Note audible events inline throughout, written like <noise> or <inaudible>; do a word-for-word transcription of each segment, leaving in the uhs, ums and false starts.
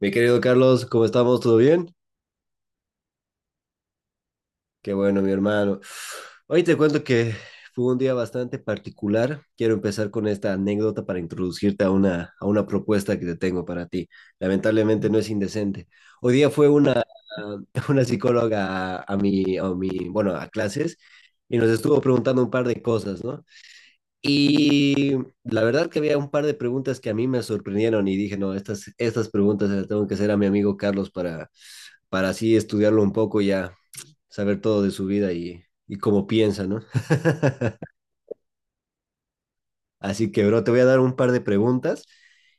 Mi querido Carlos, ¿cómo estamos? ¿Todo bien? Qué bueno, mi hermano. Hoy te cuento que fue un día bastante particular. Quiero empezar con esta anécdota para introducirte a una, a una propuesta que te tengo para ti. Lamentablemente no es indecente. Hoy día fue una, <laughs> una psicóloga a, a mi, a mi, bueno, a clases y nos estuvo preguntando un par de cosas, ¿no? Y la verdad que había un par de preguntas que a mí me sorprendieron y dije, no, estas, estas preguntas se las tengo que hacer a mi amigo Carlos para para así estudiarlo un poco y ya saber todo de su vida y, y cómo piensa, ¿no? <laughs> Así que, bro, te voy a dar un par de preguntas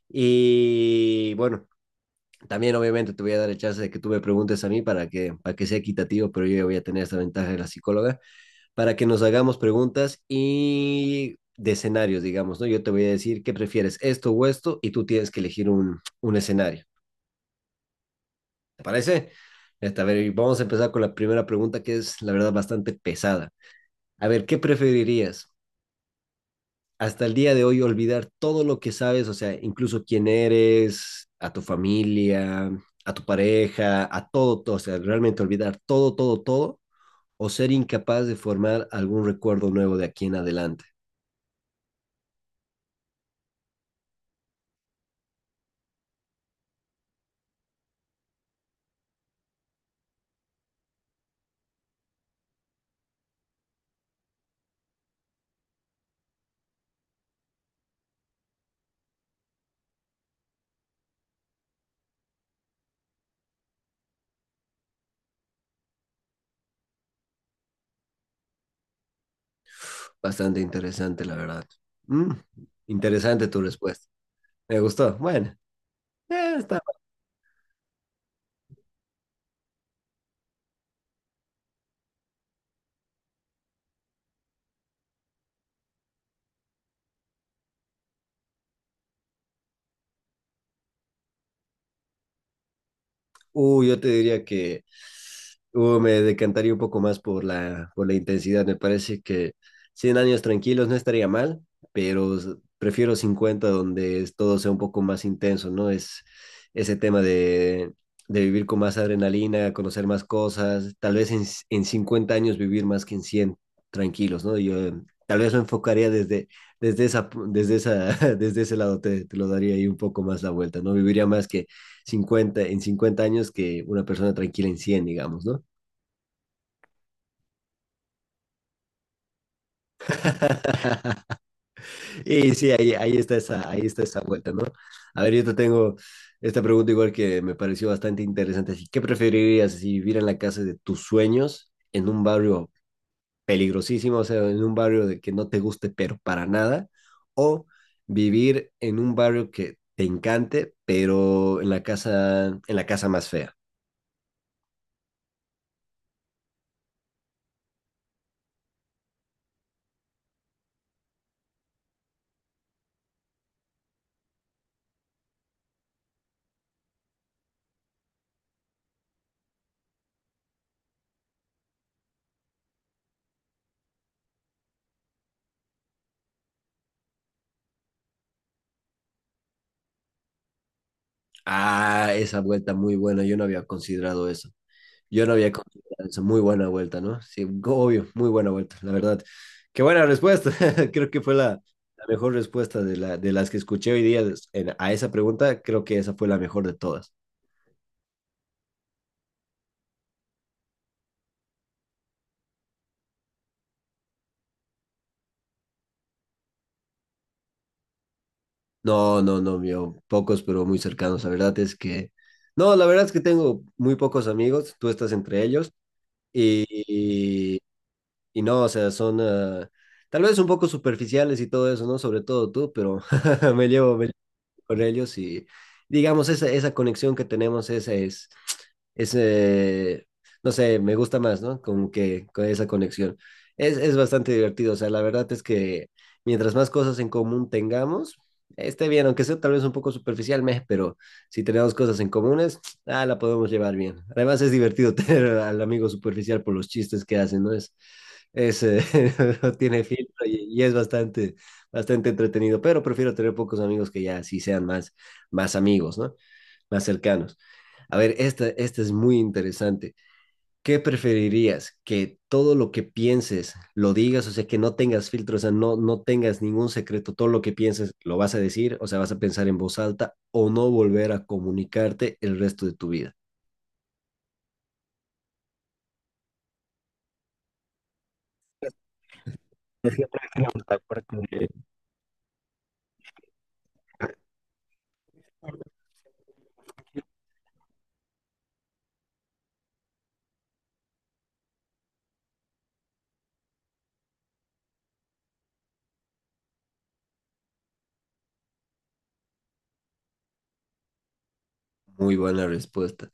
y bueno, también obviamente te voy a dar el chance de que tú me preguntes a mí para que, para que sea equitativo, pero yo ya voy a tener esta ventaja de la psicóloga, para que nos hagamos preguntas y de escenarios, digamos, ¿no? Yo te voy a decir qué prefieres, esto o esto, y tú tienes que elegir un, un escenario. ¿Te parece? Este, a ver, vamos a empezar con la primera pregunta que es, la verdad, bastante pesada. A ver, ¿qué preferirías? Hasta el día de hoy olvidar todo lo que sabes, o sea, incluso quién eres, a tu familia, a tu pareja, a todo, todo, o sea, realmente olvidar todo, todo, todo, o ser incapaz de formar algún recuerdo nuevo de aquí en adelante. Bastante interesante, la verdad. Mm, interesante tu respuesta. Me gustó. Bueno, eh, está. Uh, yo te diría que uh, me decantaría un poco más por la, por la intensidad. Me parece que cien años tranquilos no estaría mal, pero s- prefiero cincuenta donde es- todo sea un poco más intenso, ¿no? Es ese tema de, de vivir con más adrenalina, conocer más cosas, tal vez en, c- en cincuenta años vivir más que en cien tranquilos, ¿no? Yo eh, tal vez lo enfocaría desde, desde esa, pu- desde esa, <laughs> desde ese lado, te, te lo daría ahí un poco más la vuelta, ¿no? Viviría más que cincuenta en cincuenta años que una persona tranquila en cien, digamos, ¿no? <laughs> Y sí, ahí, ahí, está esa, ahí está esa vuelta, ¿no? A ver, yo te tengo esta pregunta igual que me pareció bastante interesante. Así, ¿qué preferirías? Si vivir en la casa de tus sueños en un barrio peligrosísimo, o sea, en un barrio de que no te guste, pero para nada, o vivir en un barrio que te encante, pero en la casa, en la casa más fea? Ah, esa vuelta muy buena, yo no había considerado eso. Yo no había considerado eso. Muy buena vuelta, ¿no? Sí, obvio, muy buena vuelta, la verdad. Qué buena respuesta. <laughs> Creo que fue la, la mejor respuesta de, la, de las que escuché hoy día en- a esa pregunta. Creo que esa fue la mejor de todas. No, no, no, mío. Pocos, pero muy cercanos. La verdad es que… No, la verdad es que tengo muy pocos amigos. Tú estás entre ellos. Y, y, y no, o sea, son, ah, tal vez un poco superficiales y todo eso, ¿no? Sobre todo tú, pero <laughs> me llevo, me con ellos y digamos, esa, esa conexión que tenemos, esa es, es, eh, no sé, me gusta más, ¿no? Como que con esa conexión. Es, es bastante divertido, o sea, la verdad es que mientras más cosas en común tengamos, esté bien, aunque sea tal vez un poco superficial, meh, pero si tenemos cosas en comunes, ah, la podemos llevar bien. Además es divertido <laughs> tener al amigo superficial por los chistes que hacen, ¿no? Es, ese <laughs> no tiene filtro y, y es bastante, bastante entretenido, pero prefiero tener pocos amigos que ya sí sean más, más amigos, ¿no? Más cercanos. A ver, esta, esta es muy interesante. ¿Qué preferirías? ¿Que todo lo que pienses lo digas? O sea, que no tengas filtro, o sea, no, no tengas ningún secreto. Todo lo que pienses lo vas a decir, o sea, vas a pensar en voz alta o no volver a comunicarte el resto de tu vida. Muy buena respuesta.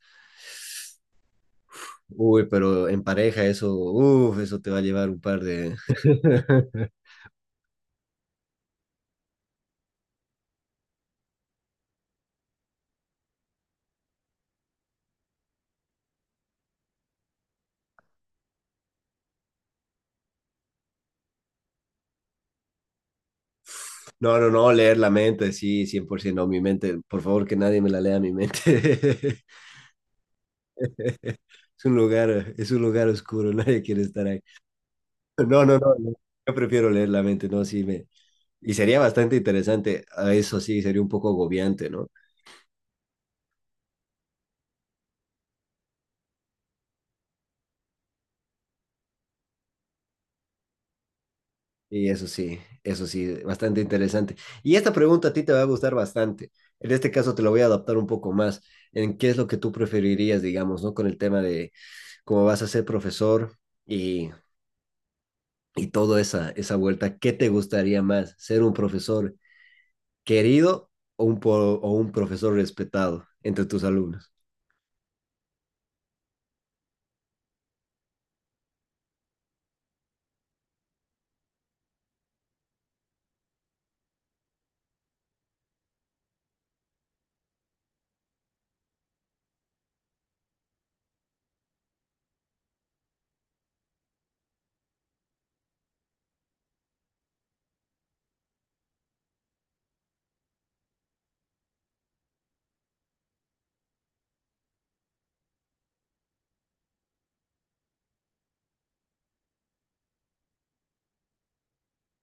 Uy, pero en pareja eso, uff, eso te va a llevar un par de… <laughs> No, no, no, leer la mente, sí, cien por ciento, no, mi mente, por favor que nadie me la lea mi mente. <laughs> Es un lugar, es un lugar oscuro, <laughs> nadie quiere estar ahí. No, no, no, no, yo prefiero leer la mente, no, sí, me… Y sería bastante interesante, a eso sí, sería un poco agobiante, ¿no? Y eso sí, eso sí, bastante interesante. Y esta pregunta a ti te va a gustar bastante. En este caso te lo voy a adaptar un poco más en qué es lo que tú preferirías, digamos, ¿no? Con el tema de cómo vas a ser profesor y, y toda esa, esa vuelta. ¿Qué te gustaría más? ¿Ser un profesor querido o un, po- o un profesor respetado entre tus alumnos?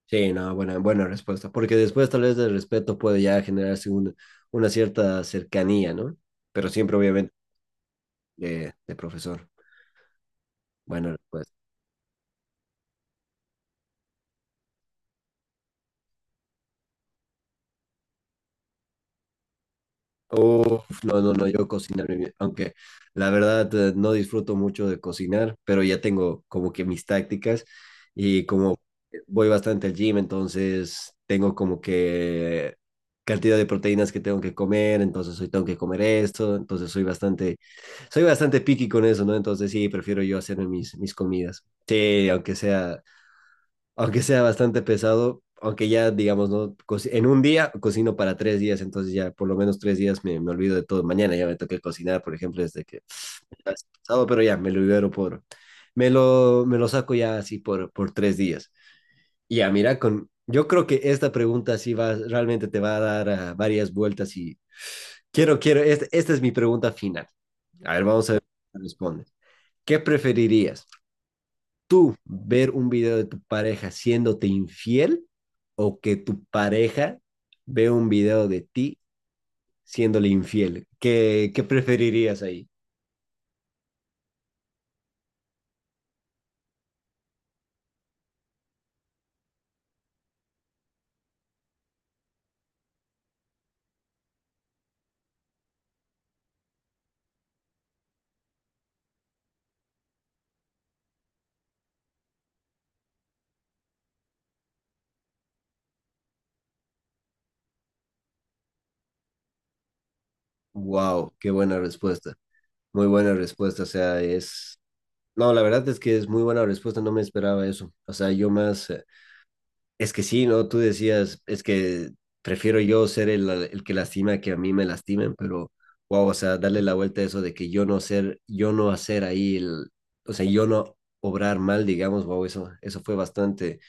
Sí, no, buena, buena respuesta. Porque después tal vez del respeto puede ya generarse una, una cierta cercanía, ¿no? Pero siempre obviamente de, de profesor. Buena respuesta. Uf, no, no, no, yo cocinar, mi- aunque la verdad eh, no disfruto mucho de cocinar, pero ya tengo como que mis tácticas y como voy bastante al gym, entonces tengo como que cantidad de proteínas que tengo que comer, entonces hoy tengo que comer esto, entonces soy bastante, soy bastante picky con eso, ¿no? Entonces sí, prefiero yo hacerme mis, mis comidas. Sí, aunque sea aunque sea bastante pesado, aunque ya, digamos, ¿no? Co- En un día cocino para tres días, entonces ya por lo menos tres días me, me olvido de todo. Mañana ya me toca cocinar, por ejemplo, desde que es pasado, pero ya me lo libero por, me lo, me lo saco ya así por, por tres días. Y ya, mira, con, yo creo que esta pregunta sí va, realmente te va a dar ah, varias vueltas y quiero, quiero, este- esta es mi pregunta final. A ver, vamos a ver qué responde. ¿Qué preferirías? Tú ver un video de tu pareja siéndote infiel o que tu pareja vea un video de ti siéndole infiel. ¿Qué, qué preferirías ahí? Wow, qué buena respuesta. Muy buena respuesta. O sea, es… No, la verdad es que es muy buena respuesta. No me esperaba eso. O sea, yo más... eh, es que sí, ¿no? Tú decías, es que prefiero yo ser el, el que lastima que a mí me lastimen, pero wow, o sea, darle la vuelta a eso de que yo no ser, yo no hacer ahí el, o sea, yo no obrar mal, digamos, wow, eso, eso fue bastante,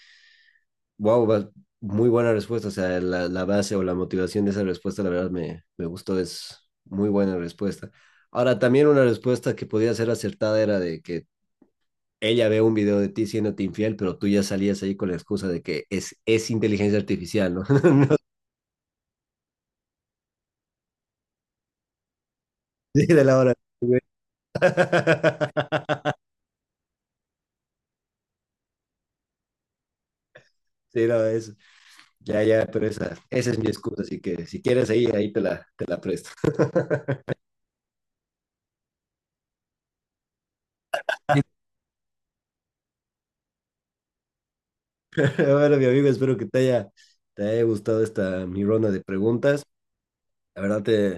wow, va- muy buena respuesta, o sea, la, la base o la motivación de esa respuesta, la verdad me, me gustó, es muy buena respuesta. Ahora, también una respuesta que podía ser acertada era de que ella ve un video de ti siéndote infiel, pero tú ya salías ahí con la excusa de que es, es inteligencia artificial, ¿no? <laughs> No, sí, de la hora. Güey. <laughs> Sí, no, es, ya, ya, pero esa, esa es mi excusa, así que si quieres ahí, ahí te la, te la presto. <laughs> Bueno, mi amigo, espero que te haya, te haya gustado esta mi ronda de preguntas. La verdad te,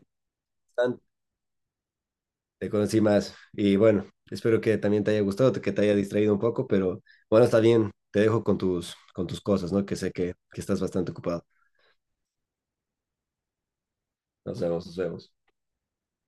te conocí más y bueno, espero que también te haya gustado, que te haya distraído un poco, pero bueno, está bien, te dejo con tus, con tus cosas, ¿no? Que sé que, que estás bastante ocupado. Nos vemos, nos vemos.